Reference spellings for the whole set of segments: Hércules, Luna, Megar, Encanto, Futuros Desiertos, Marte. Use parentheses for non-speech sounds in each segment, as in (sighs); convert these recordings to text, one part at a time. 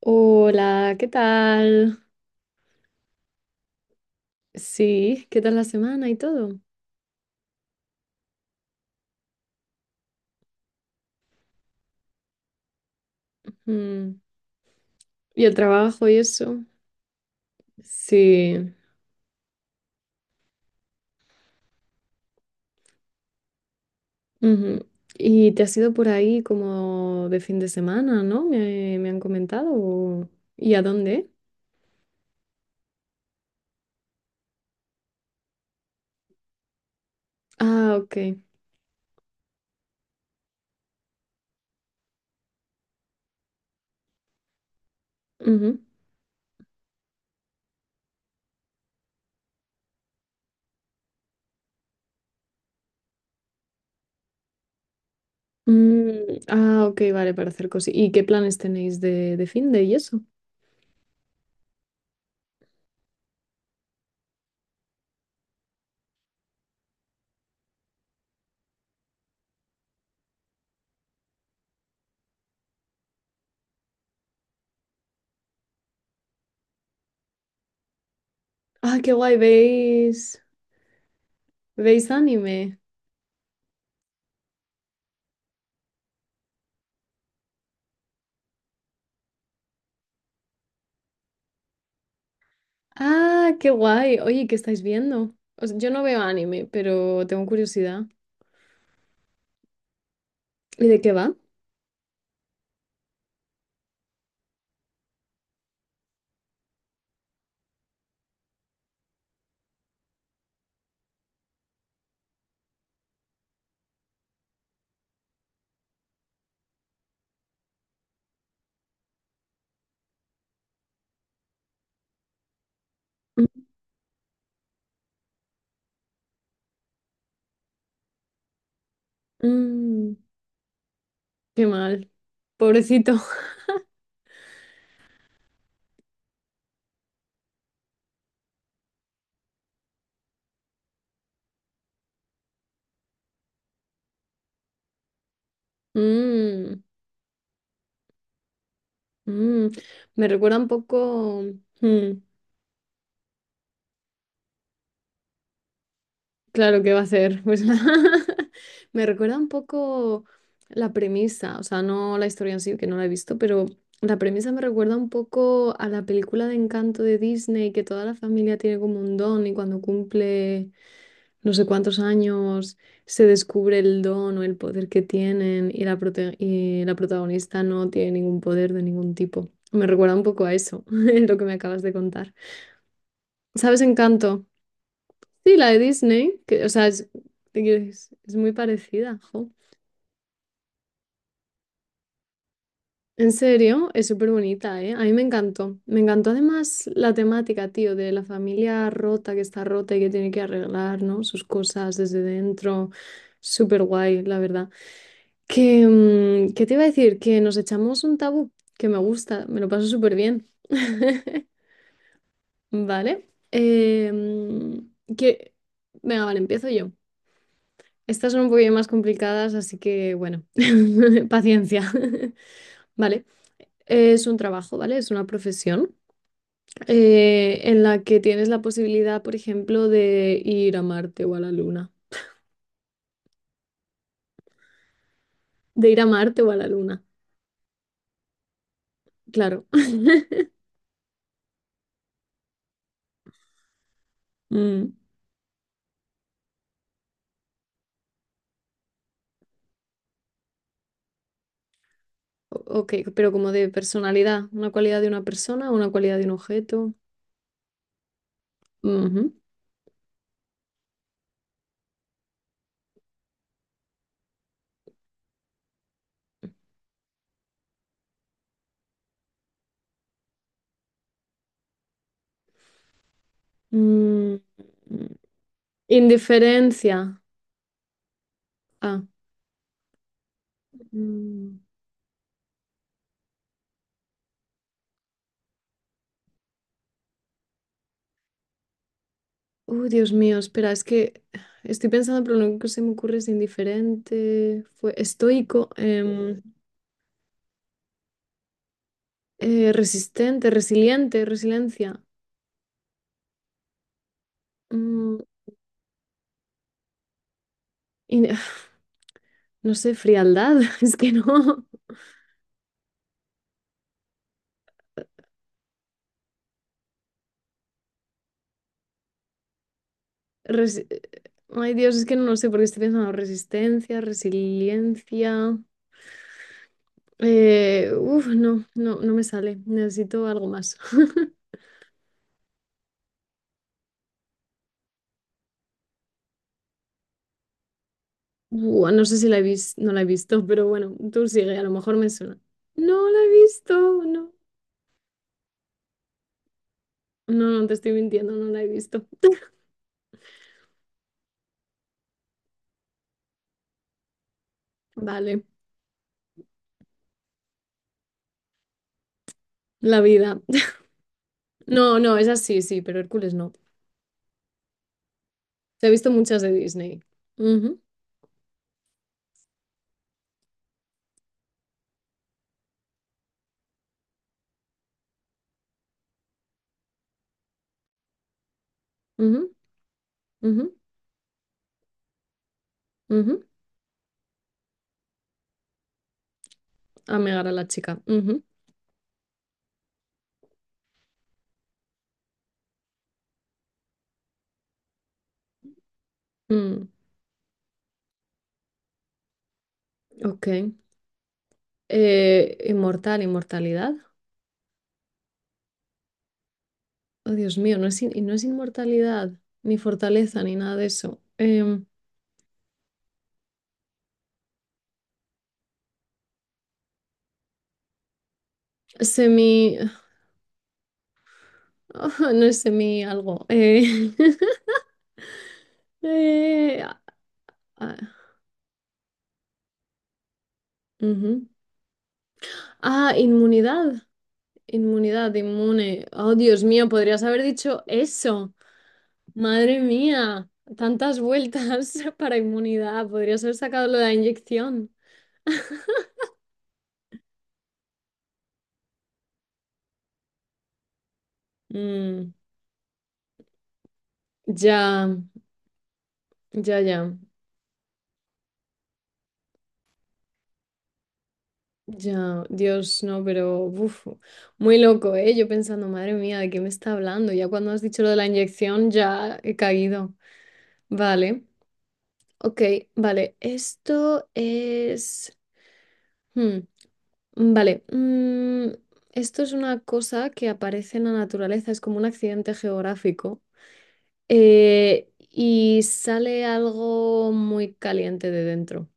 Hola, ¿qué tal? Sí, ¿qué tal la semana y todo? Mm, y el trabajo y eso. Sí. Ujú. Y te has ido por ahí como de fin de semana, ¿no? Me han comentado. O- ¿Y a dónde? Ah, ok. Ujú. Mm, ah, ok, vale, para hacer cosas. ¿Y qué planes tenéis de fin de y eso? Ah, qué guay, ¿veis? ¿Veis anime? Ah, qué guay. Oye, ¿qué estáis viendo? O sea, yo no veo anime, pero tengo curiosidad. ¿Y de qué va? Mm, qué mal. Pobrecito. (laughs) Mm, mm. Me recuerda un poco. Mm, claro qué va a ser. Pues, (laughs) me recuerda un poco la premisa. O sea, no la historia en sí, que no la he visto, pero la premisa me recuerda un poco a la película de Encanto de Disney, que toda la familia tiene como un don y cuando cumple. No sé cuántos años se descubre el don o el poder que tienen y y la protagonista no tiene ningún poder de ningún tipo. Me recuerda un poco a eso, (laughs) lo que me acabas de contar. ¿Sabes Encanto? Sí, la de Disney, que, o sea, te quiero decir, es muy parecida, jo. En serio, es súper bonita, ¿eh? A mí me encantó. Me encantó además la temática, tío, de la familia rota que está rota y que tiene que arreglar, ¿no? Sus cosas desde dentro. Súper guay, la verdad. Que, ¿qué te iba a decir? Que nos echamos un tabú, que me gusta, me lo paso súper bien. (laughs) Vale. Que... Venga, vale, empiezo yo. Estas son un poquillo más complicadas, así que bueno, (laughs) paciencia. (laughs) Vale. Es un trabajo, ¿vale? Es una profesión en la que tienes la posibilidad, por ejemplo, de ir a Marte o a la Luna. De ir a Marte o a la Luna, claro. (laughs) Mm. O- Ok, pero como de personalidad, una cualidad de una persona, una cualidad de un objeto. Ujú. Mm, indiferencia. Ah. Mm. Uy, Dios mío, espera, es que estoy pensando, pero lo único que se me ocurre es indiferente, fue estoico, resistente, resiliente, resiliencia. Mm, in- (sighs) no sé, frialdad, (laughs) es que no. Resi- Ay, Dios, es que no lo sé porque estoy pensando resistencia, resiliencia. No, no, no me sale. Necesito algo más. (laughs) Buah, no sé si no la he visto, pero bueno, tú sigue, a lo mejor me suena. No la he visto, no. No, no te estoy mintiendo, no la he visto. (laughs) Vale, la vida. (laughs) No, no, es sí, sí, pero Hércules no. Se ha visto muchas de Disney. Ujú, ujú, ujú, ujú. A Megar a la chica. Ujú, mm, ok. Inmortal, inmortalidad. Oh, Dios mío, y no es inmortalidad, ni fortaleza, ni nada de eso. Em, semi. (laughs) No es semi algo. (laughs) Ah, ah, ujú. Ah, inmunidad. Inmunidad, inmune. Oh, Dios mío, podrías haber dicho eso. Madre mía, tantas vueltas (laughs) para inmunidad. Podrías haber sacado lo de la inyección. Mm, ya, ya, ya. Ya, Dios, no, pero uf, muy loco, ¿eh? Yo pensando, madre mía, ¿de qué me está hablando? Ya cuando has dicho lo de la inyección, ya he caído. Vale, ok, vale, esto es... hmm, vale, esto es una cosa que aparece en la naturaleza, es como un accidente geográfico y sale algo muy caliente de dentro.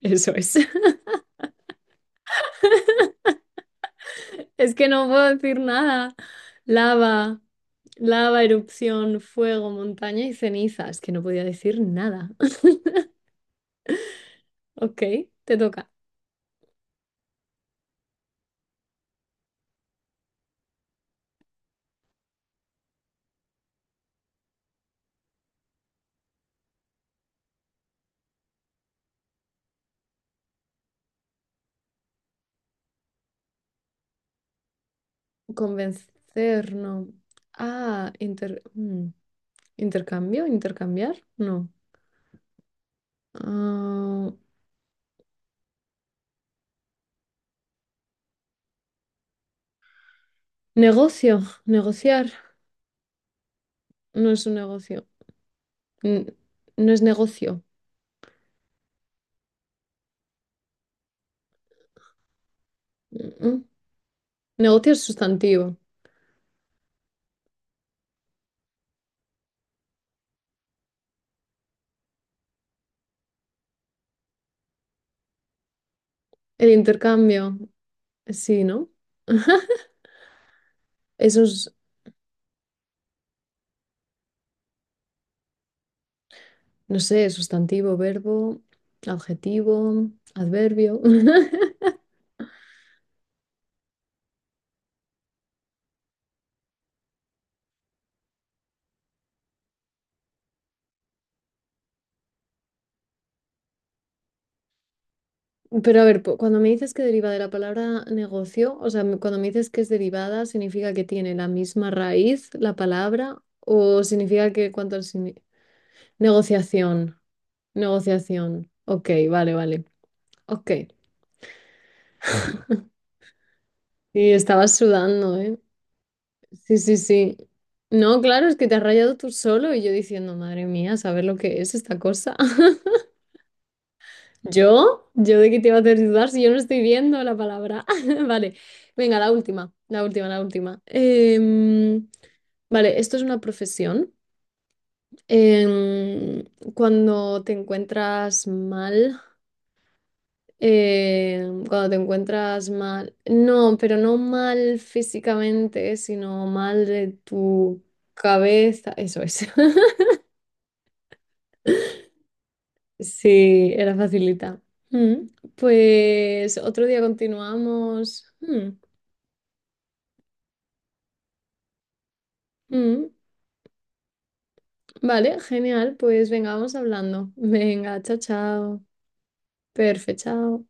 (laughs) Eso es. Es que no puedo decir nada. Lava, lava, erupción, fuego, montaña y ceniza. Es que no podía decir nada. (laughs) Ok, te toca. Convencer, no. Ah, inter- mm, intercambio, intercambiar, no. Ah, negocio, negociar. No es un negocio. N- No es negocio. Mm, mm. Negocio es sustantivo. El intercambio, sí, ¿no? Eso es. No sé, sustantivo, verbo, adjetivo, adverbio. (laughs) Pero a ver, cuando me dices que deriva de la palabra negocio, o sea, cuando me dices que es derivada, ¿significa que tiene la misma raíz la palabra? ¿O significa que cuánto al sini- Negociación, negociación. Ok, vale, vale. Ok. Y estabas sudando, ¿eh? Sí, sí, sí. No, claro, es que te has rayado tú solo y yo diciendo, madre mía, saber lo que es esta cosa. (laughs) ¿Yo? ¿Yo de qué te iba a hacer dudar si yo no estoy viendo la palabra? (laughs) Vale, venga, la última, la última, la última. Vale, esto es una profesión. Em, cuando te encuentras mal, cuando te encuentras mal, no, pero no mal físicamente, sino mal de tu cabeza, eso es. (laughs) Sí, era facilita. Mm, pues otro día continuamos. Mm. Mm, vale, genial. Pues venga, vamos hablando. (laughs) Venga, chao, chao. Perfecto, chao.